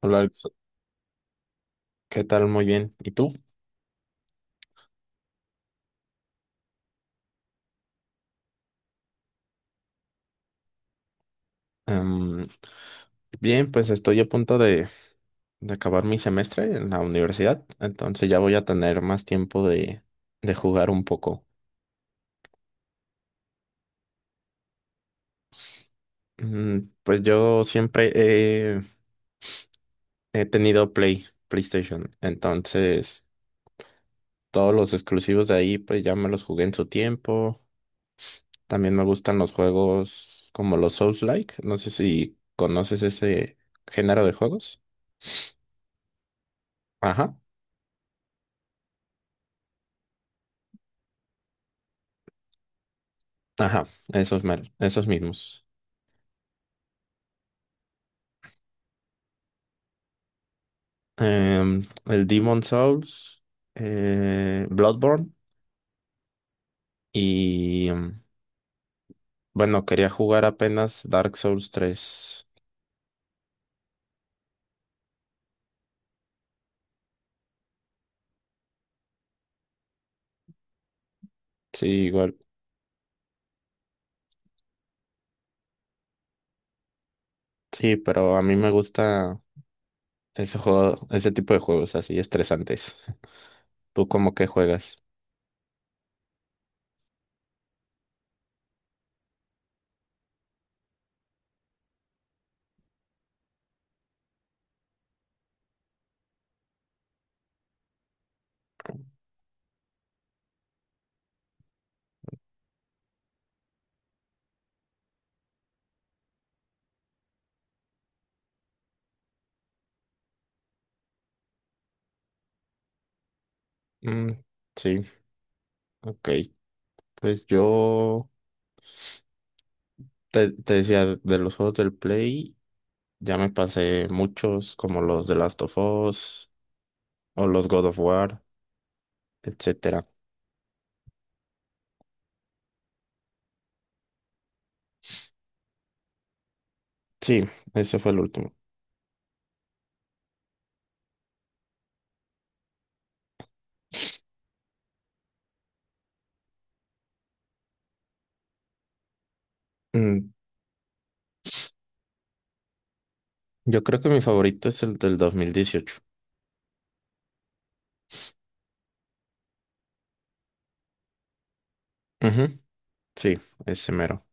Hola, Alex. ¿Qué tal? Muy bien. ¿Y tú? Em, Bien, pues estoy a punto de acabar mi semestre en la universidad, entonces ya voy a tener más tiempo de jugar un poco. Pues yo siempre he tenido PlayStation, entonces todos los exclusivos de ahí pues ya me los jugué en su tiempo. También me gustan los juegos como los Souls-like, no sé si conoces ese género de juegos. Ajá. Ajá, esos, esos mismos. El Demon Souls, Bloodborne y bueno, quería jugar apenas Dark Souls 3. Sí, igual. Sí, pero a mí me gusta ese juego, ese tipo de juegos así estresantes. ¿Tú cómo que juegas? Mm, sí, ok. Pues yo te decía de los juegos del Play, ya me pasé muchos como los de Last of Us o los God of War, etcétera. Sí, ese fue el último. Mm, yo creo que mi favorito es el del 2018. Ujú, sí, ese mero.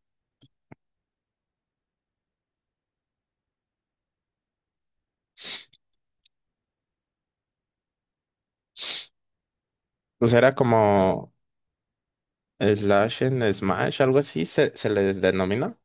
O sea, era como Slash en Smash, algo así se les denomina.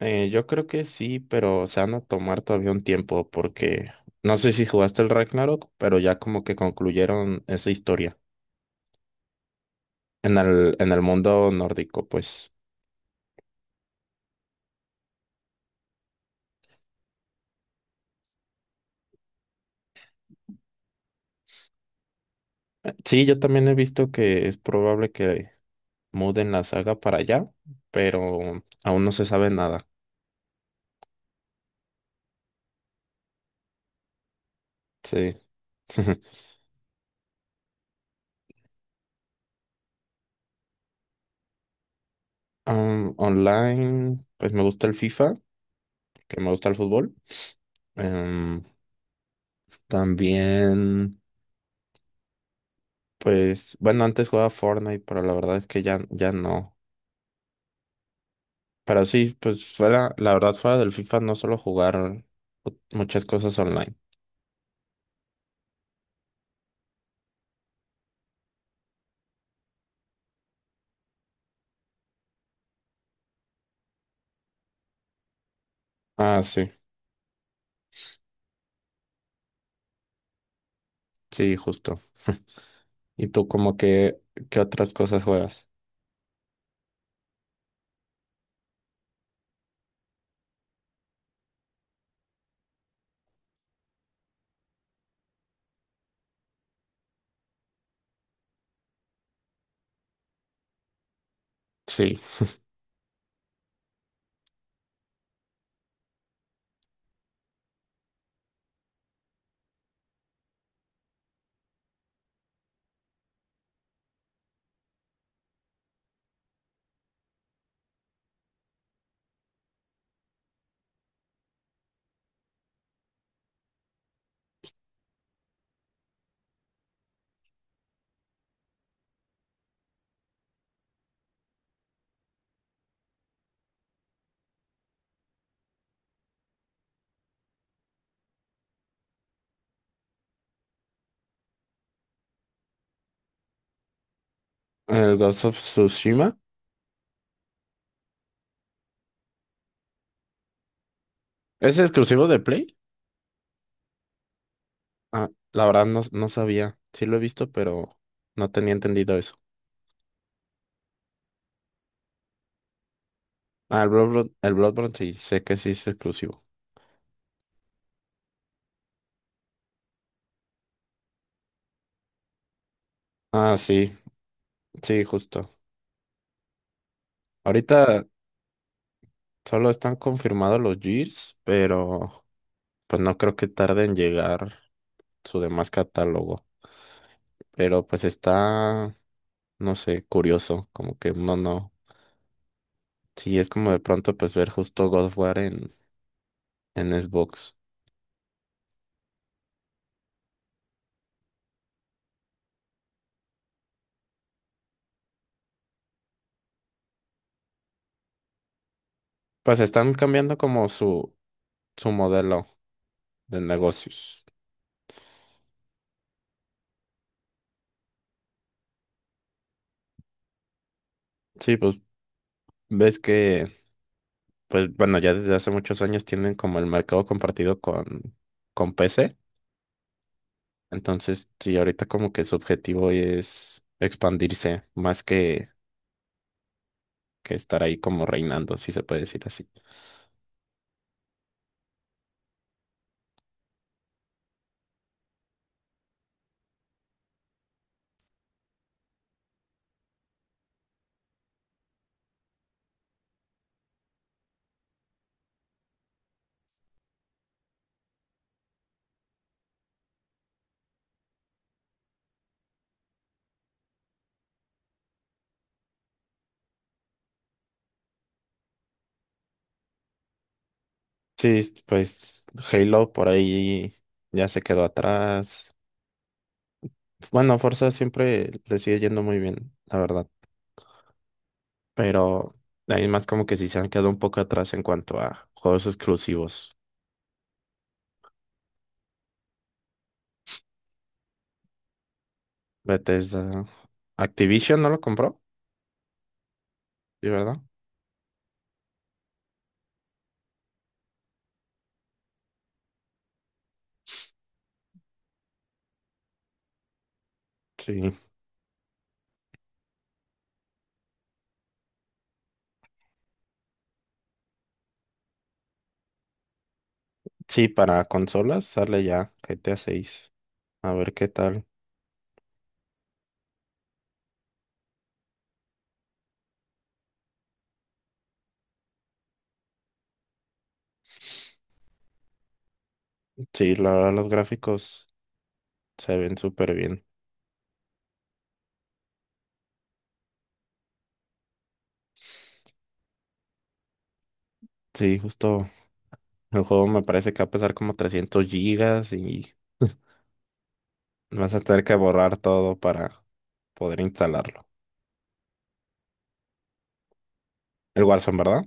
Yo creo que sí, pero se van a tomar todavía un tiempo porque no sé si jugaste el Ragnarok, pero ya como que concluyeron esa historia en el mundo nórdico, pues. Sí, yo también he visto que es probable que muden la saga para allá, pero aún no se sabe nada. Sí. Online, pues me gusta el FIFA, que me gusta el fútbol. Em, También, pues, bueno, antes jugaba Fortnite, pero la verdad es que ya, ya no. Pero sí, pues fuera, la verdad, fuera del FIFA no suelo jugar muchas cosas online. Ah, sí, sí, justo. ¿Y tú como que, qué otras cosas juegas? Sí. El Ghost of Tsushima. ¿Es exclusivo de Play? Ah, la verdad no, no sabía. Sí lo he visto, pero no tenía entendido. Ah, el Bloodborne sí, sé que sí es exclusivo. Ah, sí, sí, justo. Ahorita solo están confirmados los Gears, pero pues no creo que tarde en llegar su demás catálogo. Pero pues está, no sé, curioso, como que no, no. Sí, es como de pronto pues ver justo God of War en Xbox. Pues están cambiando como su modelo de negocios. Sí, pues ves que pues bueno, ya desde hace muchos años tienen como el mercado compartido con PC. Entonces, sí, ahorita como que su objetivo es expandirse más que estar ahí como reinando, si se puede decir así. Sí, pues Halo por ahí ya se quedó atrás. Bueno, Forza siempre le sigue yendo muy bien, la verdad. Pero hay más como que sí se han quedado un poco atrás en cuanto a juegos exclusivos. Bethesda. Activision no lo compró, ¿sí, verdad? Sí. Sí, para consolas sale ya GTA 6. A seis. A ver qué tal. Sí, la verdad los gráficos se ven súper bien. Sí, justo el juego me parece que va a pesar como 300 gigas y vas a tener que borrar todo para poder instalarlo. El Warzone, ¿verdad?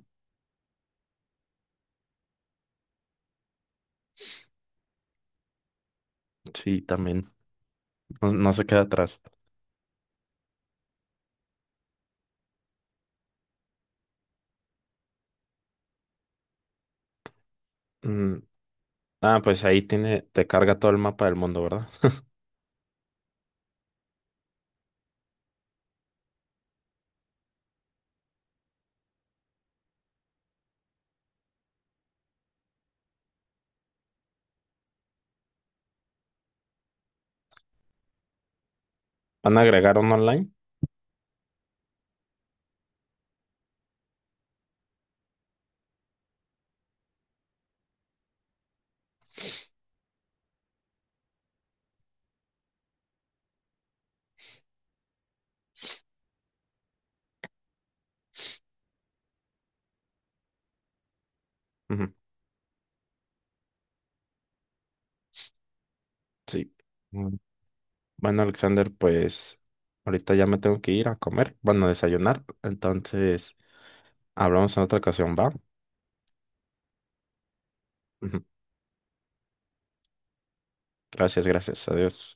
Sí, también. No, no se queda atrás. Mm, Ah, pues ahí tiene, te carga todo el mapa del mundo, ¿verdad? ¿Van a agregar un online? Ujú, sí. Mm, Bueno, Alexander, pues ahorita ya me tengo que ir a comer, bueno, a desayunar. Entonces, hablamos en otra ocasión, ¿va? Ujú, gracias, gracias. Adiós.